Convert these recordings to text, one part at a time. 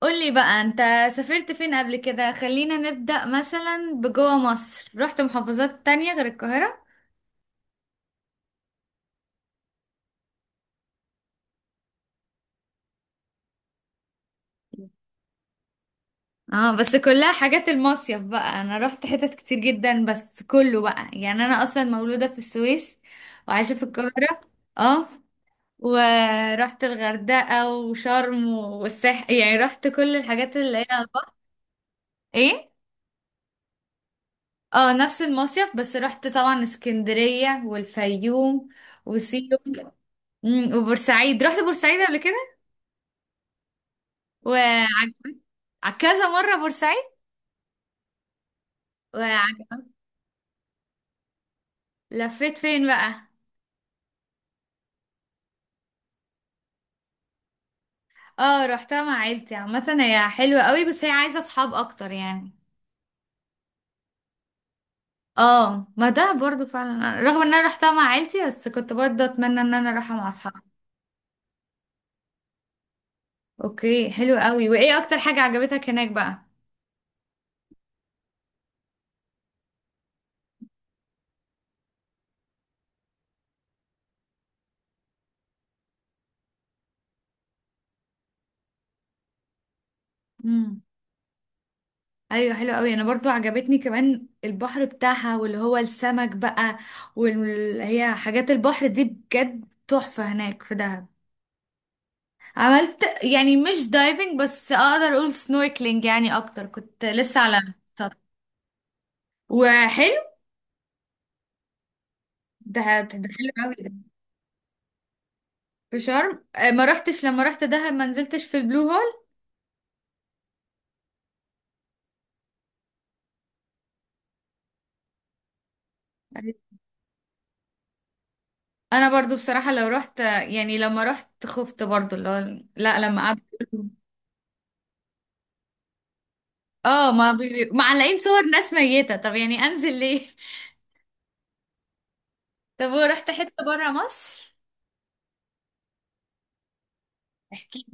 قولي بقى انت سافرت فين قبل كده؟ خلينا نبدأ مثلا بجوه مصر. رحت محافظات تانية غير القاهرة؟ اه، بس كلها حاجات المصيف بقى، انا رحت حتت كتير جدا بس كله بقى، يعني انا اصلا مولودة في السويس وعايشة في القاهرة. اه، ورحت الغردقة وشرم والساحل، يعني رحت كل الحاجات اللي هي على البحر. ايه. اه، نفس المصيف بس رحت طبعا اسكندرية والفيوم وسيوم. وبورسعيد، رحت بورسعيد قبل كده. وعجبت كذا مرة بورسعيد. وعج- لفيت فين بقى؟ اه، رحتها مع عيلتي، عامة هي حلوة قوي بس هي عايزة اصحاب اكتر يعني. اه، ما ده برضو فعلا، رغم ان انا رحتها مع عيلتي بس كنت برضو اتمنى ان انا اروحها مع اصحابي. اوكي، حلو قوي. وايه اكتر حاجة عجبتك هناك بقى؟ امم. ايوه، حلو قوي. انا برضو عجبتني كمان البحر بتاعها، واللي هو السمك بقى، واللي هي حاجات البحر دي بجد تحفة هناك في دهب. عملت يعني مش دايفنج، بس اقدر اقول سنوركلينج يعني اكتر، كنت لسه على السطح. وحلو ده. ده حلو قوي ده، في شرم. ما رحتش. لما رحت دهب ما نزلتش في البلو هول. انا برضو بصراحة لو رحت، يعني لما رحت خفت برضو، اللي هو لا لما قعدت. اه، ما بي... معلقين صور ناس ميتة، طب يعني انزل ليه؟ طب، ورحت حتة برا مصر؟ احكي.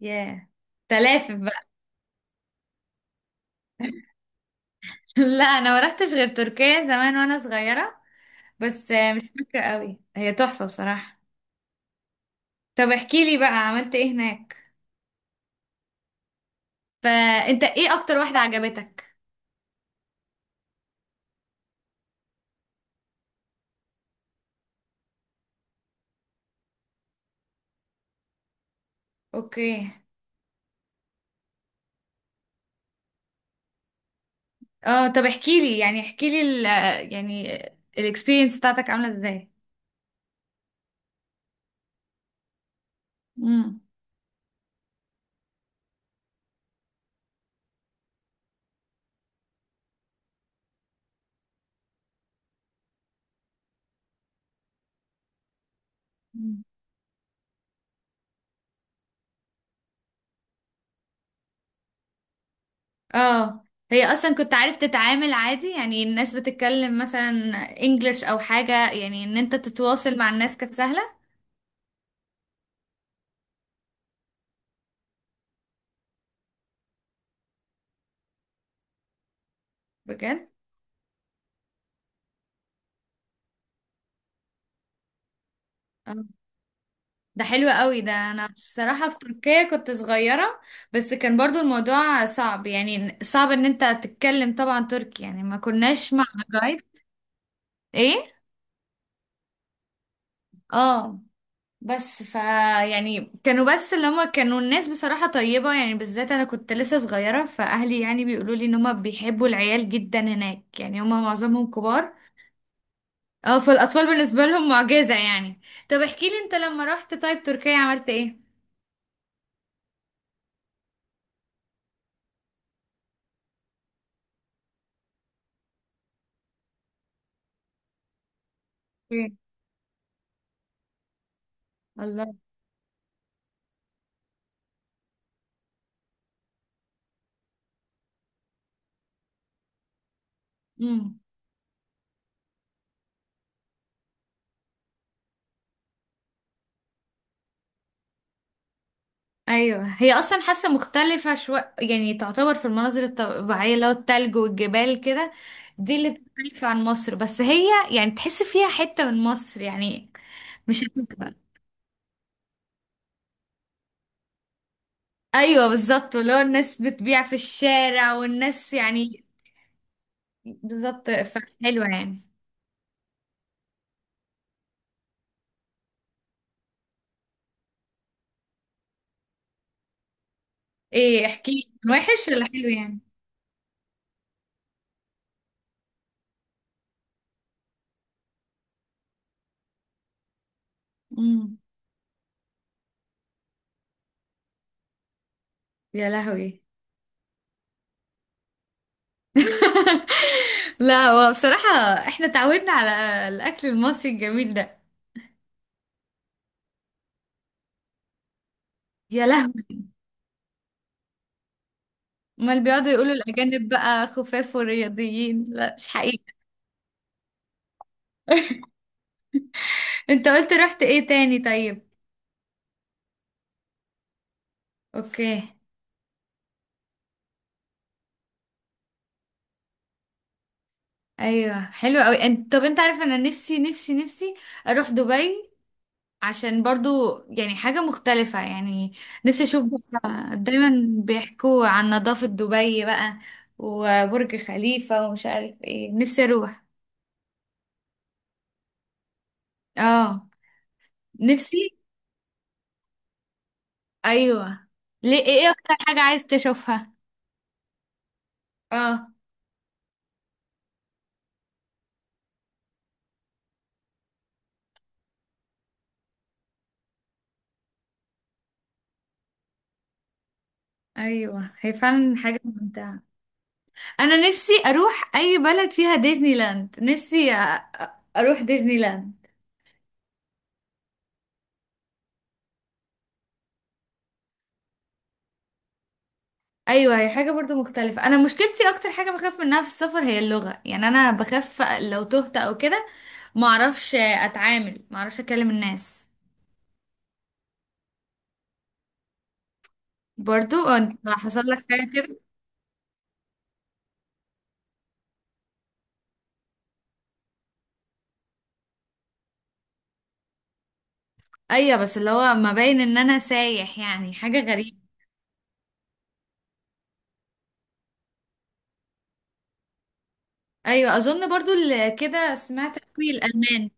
ياه. تلافف بقى. لا، انا ما رحتش غير تركيا زمان وانا صغيرة. بس مش فاكرة قوي، هي تحفة بصراحة. طب احكي لي بقى، عملت ايه هناك؟ فانت ايه اكتر واحدة عجبتك؟ اوكي. اه، طب احكي لي، يعني احكي لي يعني الاكسبيرينس بتاعتك عاملة ازاي؟ امم. اه، هي اصلا كنت عارف تتعامل عادي؟ يعني الناس بتتكلم مثلا انجلش او حاجة، يعني ان انت تتواصل مع الناس كانت سهلة؟ بجد؟ ده حلو قوي ده. انا بصراحة في تركيا كنت صغيرة، بس كان برضو الموضوع صعب، يعني صعب ان انت تتكلم طبعا تركي، يعني ما كناش مع جايد. ايه. اه، بس يعني كانوا بس اللي هما كانوا الناس بصراحة طيبة، يعني بالذات انا كنت لسه صغيرة، فاهلي يعني بيقولوا لي ان هما بيحبوا العيال جدا هناك، يعني هما معظمهم كبار. اه، فالاطفال بالنسبة لهم معجزة يعني. طب احكي لي انت، لما رحت طيب تركيا عملت ايه؟ ايه. الله. امم. ايوه، هي اصلا حاسه مختلفه شويه، يعني تعتبر في المناظر الطبيعيه، اللي هو التلج والجبال كده، دي اللي بتختلف عن مصر، بس هي يعني تحس فيها حته من مصر يعني. مش هتبقى. ايوه بالظبط، اللي هو الناس بتبيع في الشارع والناس يعني. بالظبط، فحلوه يعني. ايه، احكي لي، كان وحش ولا حلو يعني؟ امم. يا لهوي. لا، هو بصراحه احنا اتعودنا على الاكل المصري الجميل ده. يا لهوي. امال بيقعدوا يقولوا الأجانب بقى خفاف ورياضيين؟ لا، مش حقيقي. انت قلت رحت ايه تاني طيب؟ اوكي. ايوه، حلو قوي. انت طب، انت عارف انا نفسي نفسي نفسي اروح دبي؟ عشان برضو يعني حاجة مختلفة يعني. نفسي اشوف بقى، دايما بيحكوا عن نظافة دبي بقى، وبرج خليفة ومش عارف ايه. نفسي اروح. اه، نفسي. ايوه. ليه؟ ايه اكتر حاجة عايز تشوفها؟ اه. ايوه، هي فعلا حاجة ممتعة. انا نفسي اروح اي بلد فيها ديزني لاند. نفسي أ- اروح ديزني لاند. ايوه، هي حاجه برضو مختلفه. انا مشكلتي اكتر حاجه بخاف منها في السفر هي اللغه، يعني انا بخاف لو تهت او كده، ما اعرفش اتعامل، ما اعرفش اكلم الناس. برضو انت حصل لك حاجه كده؟ ايوه، بس اللي هو ما باين ان انا سايح، يعني حاجه غريبه. ايوه، اظن برضو اللي كده سمعت قوي الالمان.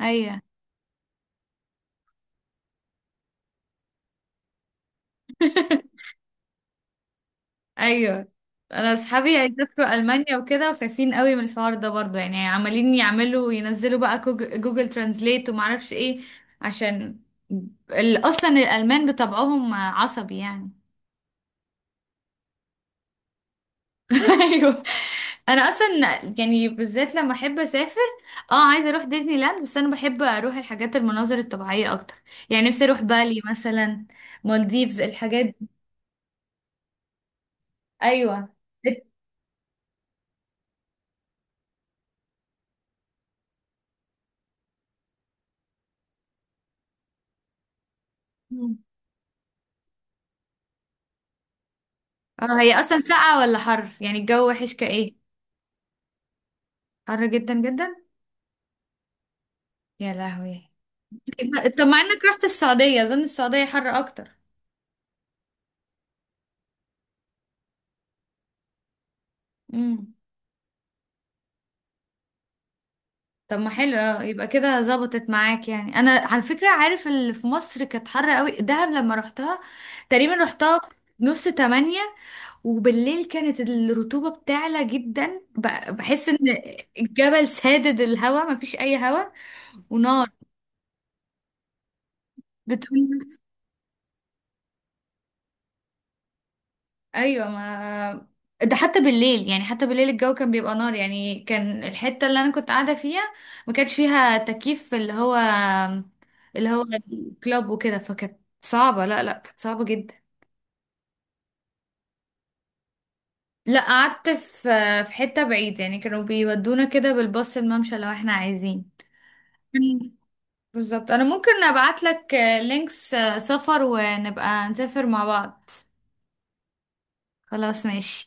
ايوه. ايوه، انا اصحابي هيسافروا المانيا وكده خايفين قوي من الحوار ده برضو، يعني عمالين يعملوا ينزلوا بقى جوجل ترانزليت وما اعرفش ايه، عشان اصلا الالمان بطبعهم عصبي يعني. ايوه. انا اصلا يعني بالذات لما احب اسافر، اه عايزه اروح ديزني لاند بس انا بحب اروح الحاجات المناظر الطبيعيه اكتر، يعني نفسي اروح بالي مثلا، مالديفز، الحاجات دي. ايوه. اه، هي اصلا ساقعه ولا حر؟ يعني الجو وحش كايه؟ حر جدا جدا. يا لهوي. طب، مع انك رحت السعودية، اظن السعودية حر اكتر. امم. طب ما حلو. اه، يبقى كده ظبطت معاك. يعني انا على فكرة، عارف اللي في مصر كانت حر قوي، دهب لما رحتها تقريبا رحتها 7:30، وبالليل كانت الرطوبة بتعلى جدا، بحس ان الجبل سادد الهوا، مفيش اي هوا ونار. بتقول؟ ايوه، ما ده حتى بالليل، يعني حتى بالليل الجو كان بيبقى نار، يعني كان الحته اللي انا كنت قاعده فيها ما كانش فيها تكييف، اللي هو الكلاب وكده، فكانت صعبه، لا لا كانت صعبه جدا. لا، قعدت في حته بعيد، يعني كانوا بيودونا كده بالباص الممشى لو احنا عايزين. مم. بالظبط، انا ممكن ابعت لك لينكس، سفر، ونبقى نسافر مع بعض. خلاص، ماشي.